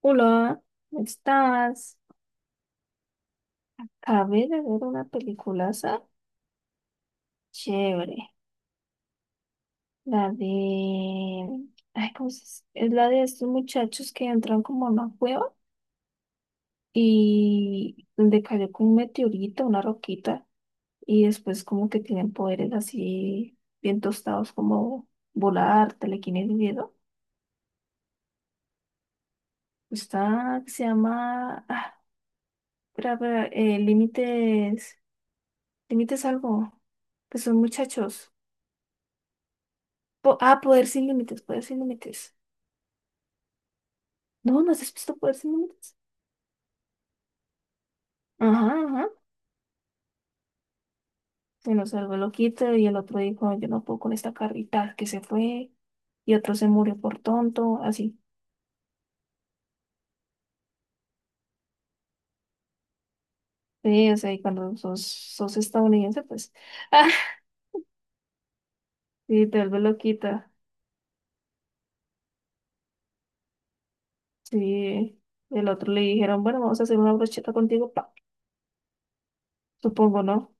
Hola, ¿cómo estás? Acabé de ver una peliculaza chévere. La de. Ay, ¿cómo Es la de estos muchachos que entran como a una cueva y donde cayó como un meteorito, una roquita, y después como que tienen poderes así bien tostados como volar, telequinesis y eso. Está, se llama. Ah, espera, espera, límites. Límites algo. Que son muchachos. Poder sin límites, Poder sin límites. No, ¿no has visto Poder sin límites? Ajá, ajá. Se nos salvó el loquito y el otro dijo, yo no puedo con esta carrita que se fue. Y otro se murió por tonto, así. Sí, o sea, y cuando sos estadounidense, pues, ah, sí, te vuelve loquita. Sí, el otro le dijeron, bueno, vamos a hacer una brocheta contigo, pa. Supongo, ¿no?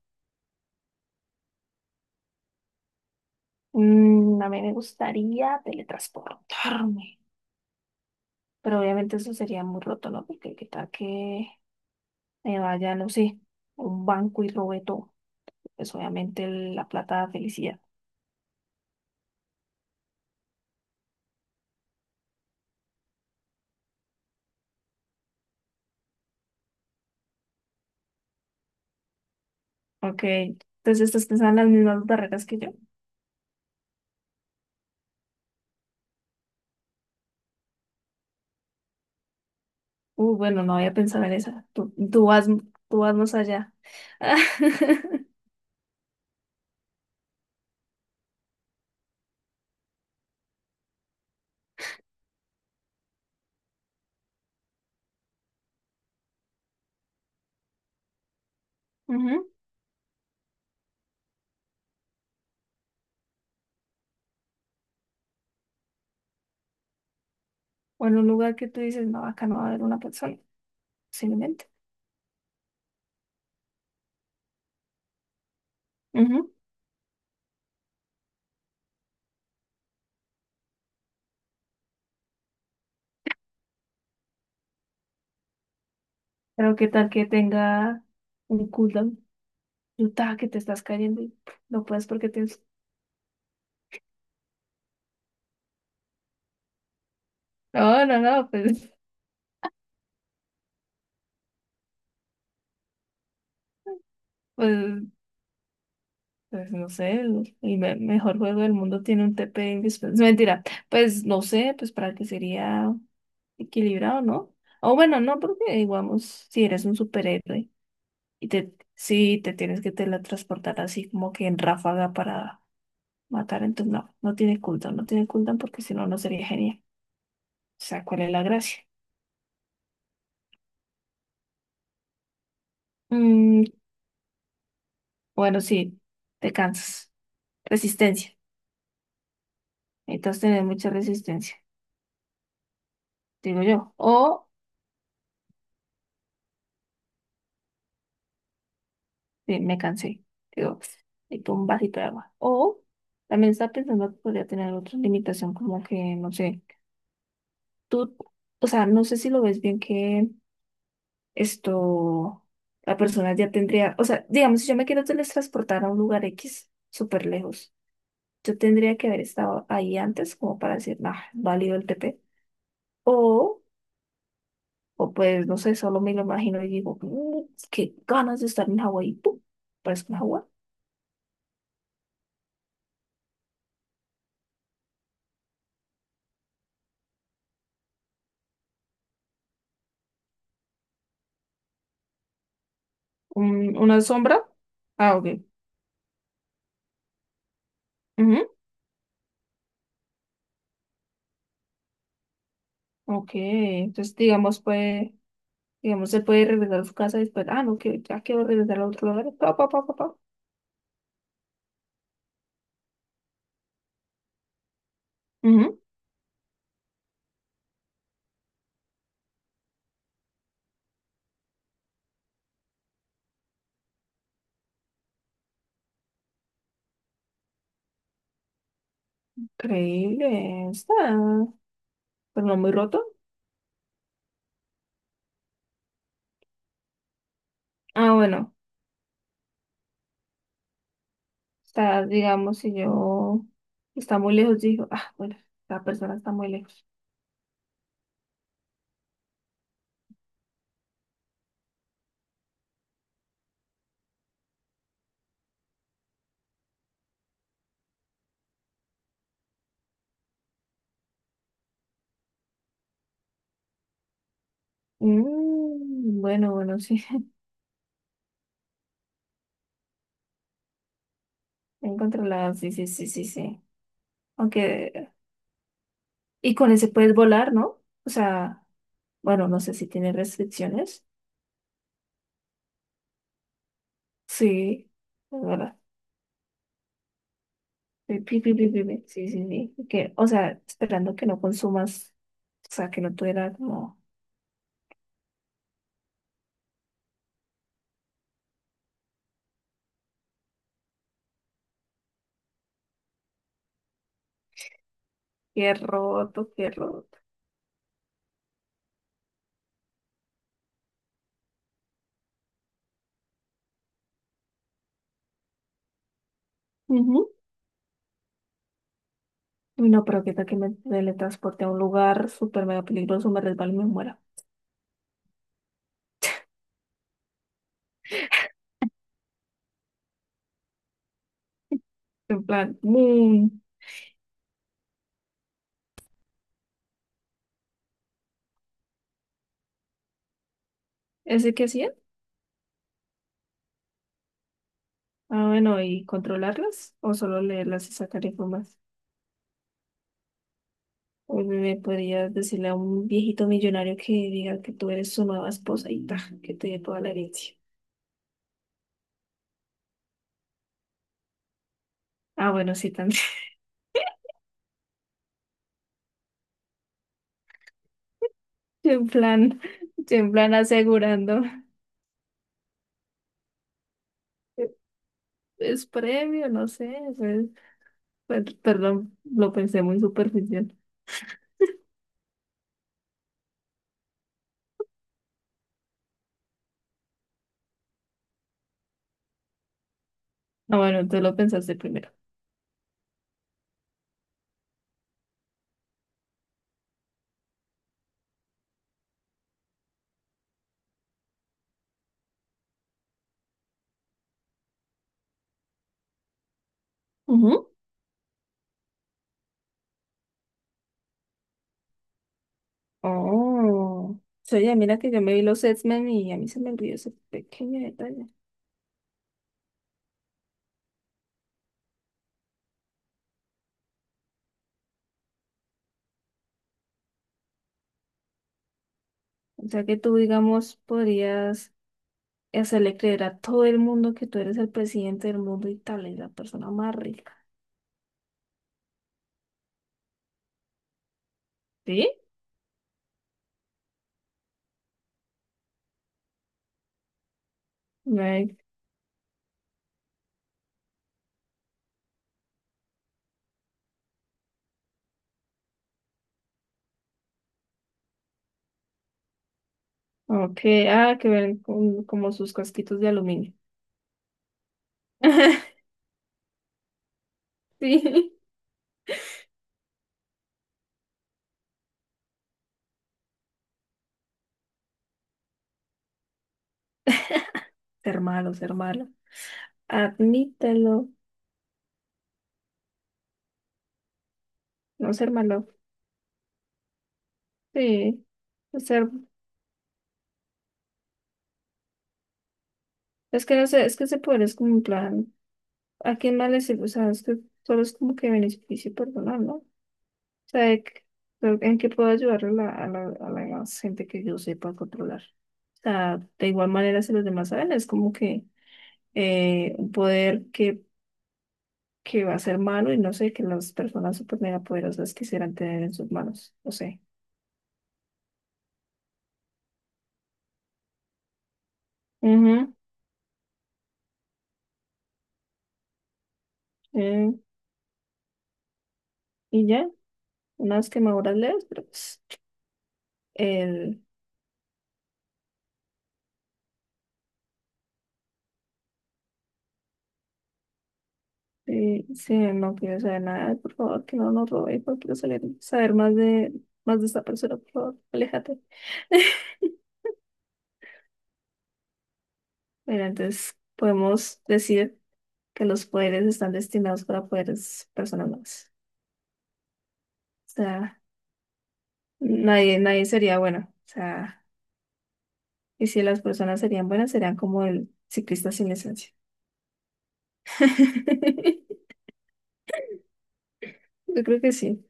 A mí me gustaría teletransportarme. Pero obviamente eso sería muy roto, ¿no? Porque qué tal que me vaya, no sé, a un banco y robe todo. Pues obviamente la plata da felicidad. Ok, entonces estás pensando en las mismas barreras que yo. Bueno, no había pensado en esa. Tú vas, tú vas más allá. Ujú. O en un lugar que tú dices, no, acá no va a haber una persona, posiblemente. Ujú. Pero qué tal que tenga un cooldown. Tú ta, que te estás cayendo y pff, no puedes porque tienes. No, pues, pues Pues no sé, mejor juego del mundo tiene un TP indispensable. Mentira, pues no sé, pues para que sería equilibrado, ¿no? O bueno, no, porque digamos, si eres un superhéroe y te, si te tienes que teletransportar así como que en ráfaga para matar, entonces no, no tiene cooldown, no tiene cooldown porque si no, no sería genial. O sea, ¿cuál es la gracia? Mm, bueno, sí, te cansas. Resistencia. Necesitas tener mucha resistencia, digo yo. O sí, me cansé. Digo, y con un vasito de agua. O también estaba pensando que podría tener otra limitación, como que, no sé, tú, o sea, no sé si lo ves bien que esto, la persona ya tendría, o sea, digamos, si yo me quiero teletransportar a un lugar X súper lejos, yo tendría que haber estado ahí antes como para decir, nah, válido el TP. O, o pues, no sé, solo me lo imagino y digo, "Mm, qué ganas de estar en Hawái. ¡Pum! Parezco en Hawái. Una sombra. Ah, ok. Ujú, ok, entonces digamos puede, digamos se puede regresar a su casa y después, ah no, que ya quiero regresar a otro lugar, pa, pa, pa, pa, pa. Ujú, increíble, está, pero no muy roto. Ah, bueno, está, digamos, si yo está muy lejos, dijo, ah, bueno, la persona está muy lejos. Bueno, bueno, sí, encontré sí, sí, sí, sí, sí. Aunque, y con ese puedes volar, ¿no? O sea, bueno, no sé si tiene restricciones. Sí, es verdad. Pi, pi, pi, pi, pi, pi. Sí, sí, sí. Y que, o sea, esperando que no consumas, o sea, que no tuviera como pie roto, pie roto. Ujú. Uy, no, pero qué tal que me teletransporte a un lugar súper mega peligroso, me resbalo y me muera. En plan, ¡boom! ¿Ese qué hacía? Ah, bueno, ¿y controlarlas? ¿O solo leerlas y sacar información? Uy, me podrías decirle a un viejito millonario que diga que tú eres su nueva esposa y ta, que te dé toda la herencia. Ah, bueno, sí, también. Yo en plan, yo en plan asegurando. Es previo, no sé, pues, perdón, lo pensé muy superficial. Ah, bueno, tú lo pensaste primero. Ujú. Oh, oye, mira que yo me vi los X-Men y a mí se me olvidó ese pequeño detalle. O sea que tú, digamos, podrías hacerle creer a todo el mundo que tú eres el presidente del mundo y tal, es la persona más rica. ¿Sí? Right. Ok, ah, que ven como sus casquitos de aluminio. Sí. Ser malo, ser malo. Admítelo. No ser malo. Sí, o sea, es que no sé, es que ese poder es como un plan, ¿a quién más le sirve? O sea, es que solo es como que beneficio personal, ¿no? Sea, de que- pero ¿en qué puedo ayudar a la gente que yo sepa controlar? O sea, de igual manera si los demás saben, es como que un poder que va a ser malo y no sé, que las personas super mega poderosas quisieran tener en sus manos, no sé. Ujú, eh, y ya, unas quemaduras leves, pero pues, el sí, sí, no quiero saber nada, por favor, que no nos robe, no quiero saber más de esta persona, por favor, aléjate. Bueno, entonces podemos decir que los poderes están destinados para poderes personales. O sea, nadie, nadie sería bueno. O sea, y si las personas serían buenas, serían como el ciclista sin licencia. Yo creo que sí.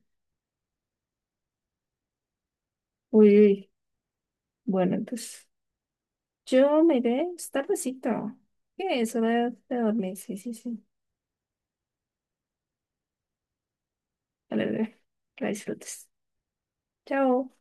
Uy, uy. Bueno, entonces yo me iré, es tardecito. ¿Qué? Es hora de dormir. Sí, sí, sí. Dale, dale. La disfrutes. Chao.